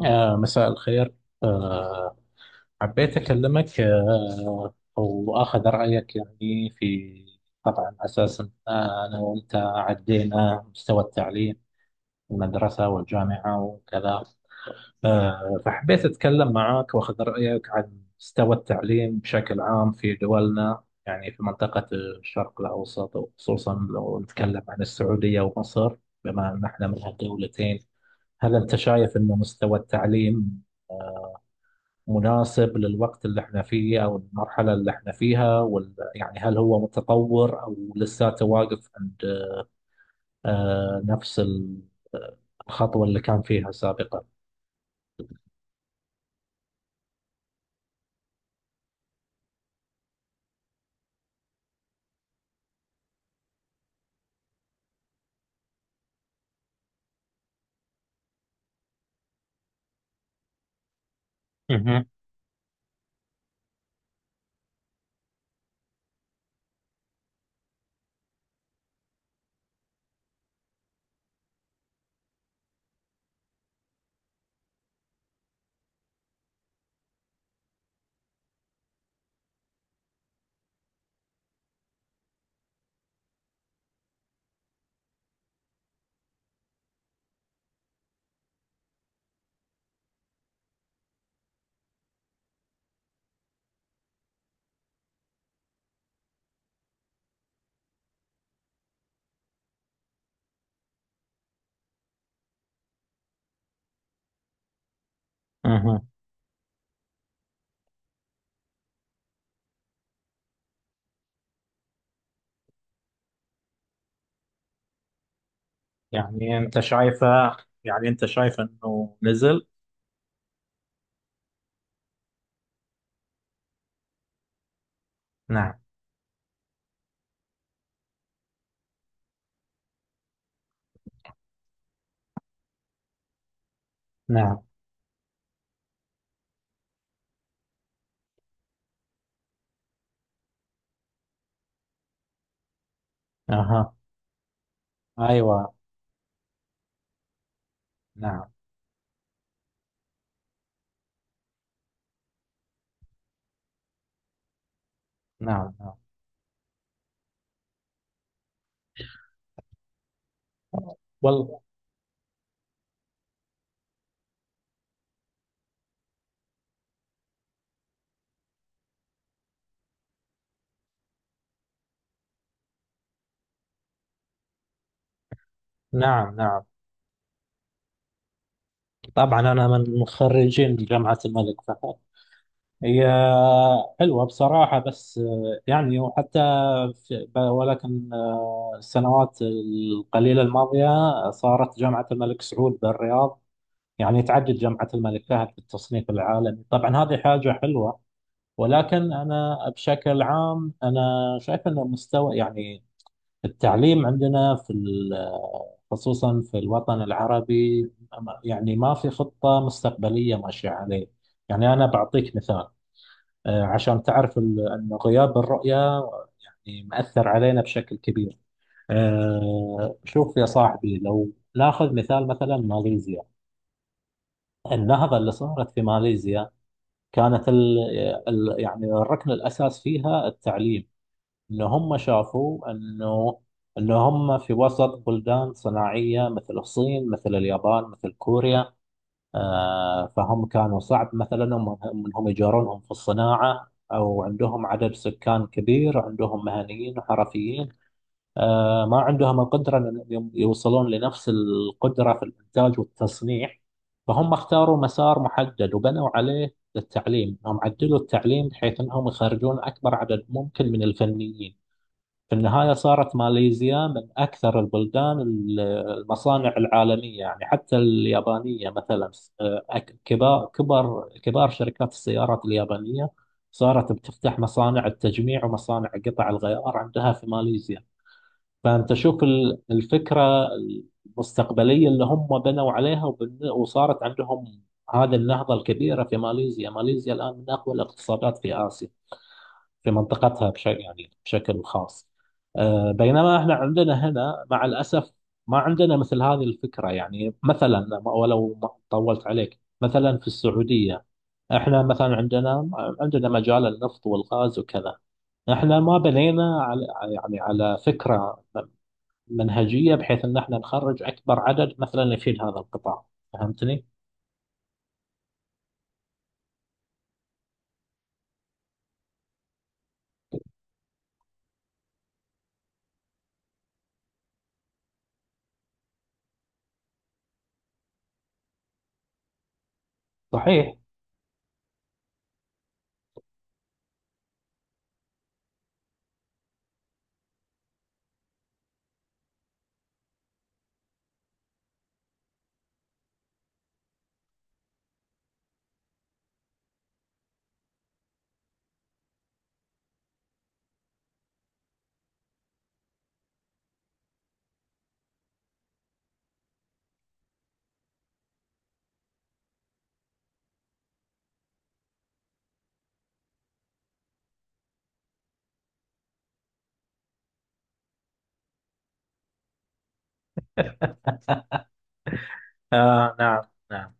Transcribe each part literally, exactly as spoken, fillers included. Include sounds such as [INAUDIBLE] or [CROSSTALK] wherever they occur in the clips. آه مساء الخير. آه حبيت أكلمك آه وأخذ رأيك، يعني، في، طبعا، أساسا، آه أنا وأنت عدينا مستوى التعليم في المدرسة والجامعة وكذا. آه فحبيت أتكلم معك وأخذ رأيك عن مستوى التعليم بشكل عام في دولنا، يعني في منطقة الشرق الأوسط، وخصوصا لو نتكلم عن السعودية ومصر، بما أن احنا من هالدولتين. هل أنت شايف أن مستوى التعليم مناسب للوقت اللي احنا فيه او المرحله اللي احنا فيها، وال... يعني هل هو متطور او لساته واقف عند آه نفس ال- الخطوه اللي كان فيها سابقا؟ مهم. مهم. يعني انت شايفه، يعني انت شايف انه نزل؟ نعم. نعم. اها. ايوه. نعم. نعم. نعم. والله، نعم نعم، طبعا انا من مخرجين جامعة الملك فهد. هي حلوة بصراحة، بس آه، يعني وحتى في ب- ولكن آه، السنوات القليلة الماضية صارت جامعة الملك سعود بالرياض، يعني، تعدت جامعة الملك فهد في التصنيف العالمي. طبعا هذه حاجة حلوة، ولكن أنا بشكل عام أنا شايف أن مستوى، يعني، التعليم عندنا في ال- خصوصا في الوطن العربي، يعني ما في خطة مستقبلية ماشية عليه. يعني أنا بعطيك مثال آه، عشان تعرف ال- أن غياب الرؤية، يعني، مأثر علينا بشكل كبير. آه، شوف يا صاحبي، لو ناخذ مثال، مثلا ماليزيا. النهضة اللي صارت في ماليزيا كانت ال ال يعني الركن الأساس فيها التعليم. إن هم شافوا أنه إن هم في وسط بلدان صناعية، مثل الصين مثل اليابان مثل كوريا. آه، فهم كانوا صعب، مثلا هم- انهم يجارونهم في الصناعة، او عندهم عدد سكان كبير، عندهم مهنيين وحرفيين. آه، ما عندهم القدرة ان يم- يوصلون لنفس القدرة في الانتاج والتصنيع. فهم اختاروا مسار محدد وبنوا عليه التعليم، هم عدلوا التعليم بحيث انهم يخرجون اكبر عدد ممكن من الفنيين. في النهاية صارت ماليزيا من أكثر البلدان ال- المصانع العالمية، يعني حتى اليابانية. مثلا، أك- كبار كبار كبار شركات السيارات اليابانية صارت بتفتح مصانع التجميع ومصانع قطع الغيار عندها في ماليزيا. فأنت شوف ال- الفكرة المستقبلية اللي هم بنوا عليها، وبن- وصارت عندهم هذه النهضة الكبيرة في ماليزيا. ماليزيا الآن من أقوى الاقتصادات في آسيا، في منطقتها بشكل، يعني، بشكل خاص. آه، بينما احنا عندنا هنا مع الأسف ما عندنا مثل هذه الفكرة. يعني مثلا، ولو ما طولت عليك، مثلا في السعودية، احنا مثلا عندنا عندنا مجال النفط والغاز وكذا. احنا ما بنينا على، يعني، على فكرة منهجية بحيث ان احنا نخرج اكبر عدد مثلا يفيد هذا القطاع. فهمتني؟ صحيح. [LAUGHS] آه نعم. نعم.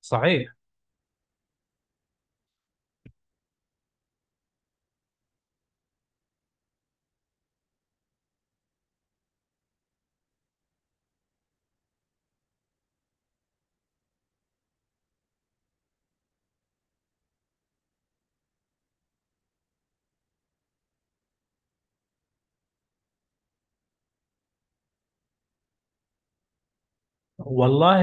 صحيح. والله.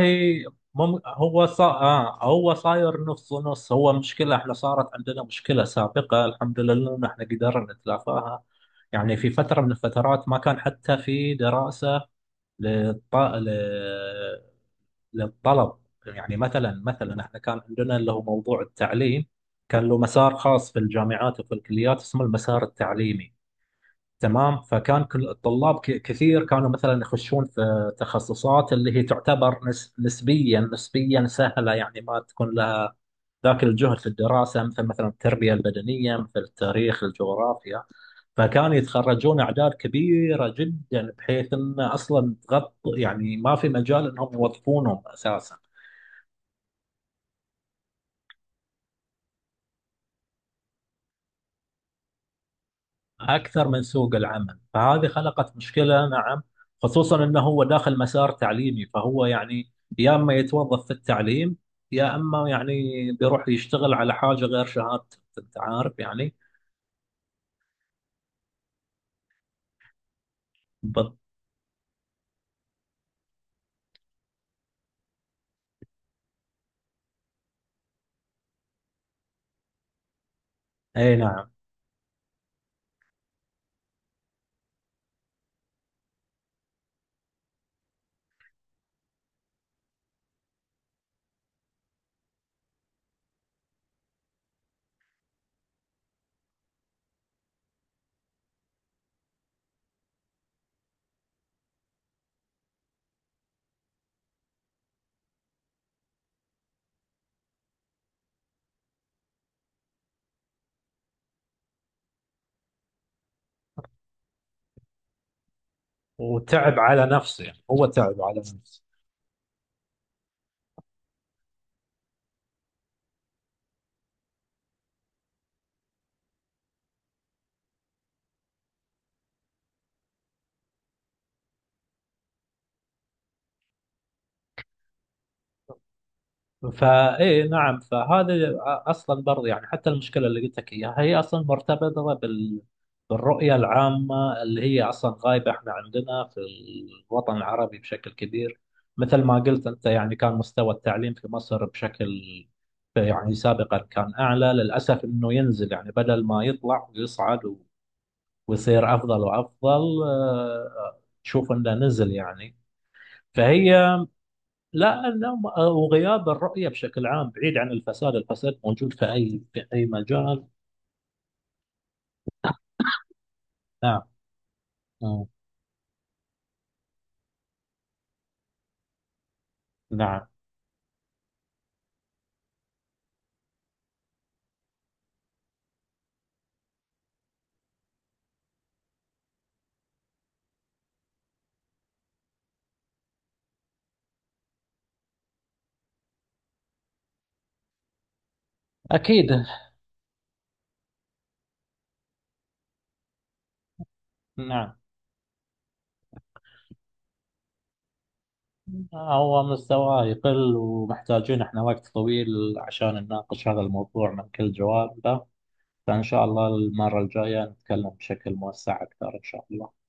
مم... هو صا... آه هو صاير نص نص. هو مشكلة، احنا صارت عندنا مشكلة سابقة، الحمد لله ان احنا قدرنا نتلافاها. يعني في فترة من الفترات ما كان حتى في دراسة للط... ل... للطلب. يعني مثلا مثلا احنا كان عندنا اللي هو موضوع التعليم، كان له مسار خاص في الجامعات وفي الكليات اسمه المسار التعليمي. تمام، فكان كل الطلاب ك- كثير كانوا مثلا يخشون في تخصصات اللي هي تعتبر نس- نسبيا نسبيا سهله، يعني ما تكون لها ذاك الجهد في الدراسه، مثل مثلا التربيه البدنيه، مثل التاريخ، الجغرافيا. فكانوا يتخرجون اعداد كبيره جدا بحيث ان اصلا تغطي، يعني ما في مجال انهم يوظفونهم اساسا. أكثر من سوق العمل، فهذه خلقت مشكلة. نعم، خصوصا أنه هو داخل مسار تعليمي، فهو، يعني، يا أما يتوظف في التعليم، يا أما، يعني، بيروح يشتغل على حاجة غير شهادته، أنت عارف يعني. بط... أي نعم. وتعب على نفسه، يعني هو تعب على نفسه. فايه، نعم، فهذا اصلا برضه، يعني، حتى المشكله اللي قلت لك اياها هي اصلا مرتبطه بال بالرؤيه العامه اللي هي اصلا غايبه. احنا عندنا في الوطن العربي بشكل كبير، مثل ما قلت انت، يعني، كان مستوى التعليم في مصر بشكل، يعني، سابقا كان اعلى. للاسف انه ينزل، يعني بدل ما يطلع ويصعد و- ويصير افضل وافضل، آه، آه، تشوف انه نزل يعني. فهي، لا لا م- وغياب الرؤية بشكل عام، بعيد عن الفساد. الفساد موجود في أي في أي مجال. نعم. مم. نعم. أكيد. نعم. هو مستواه يقل، ومحتاجين احنا وقت طويل عشان نناقش هذا الموضوع من كل جوانبه. فإن شاء الله المرة الجاية نتكلم بشكل موسع أكثر إن شاء الله.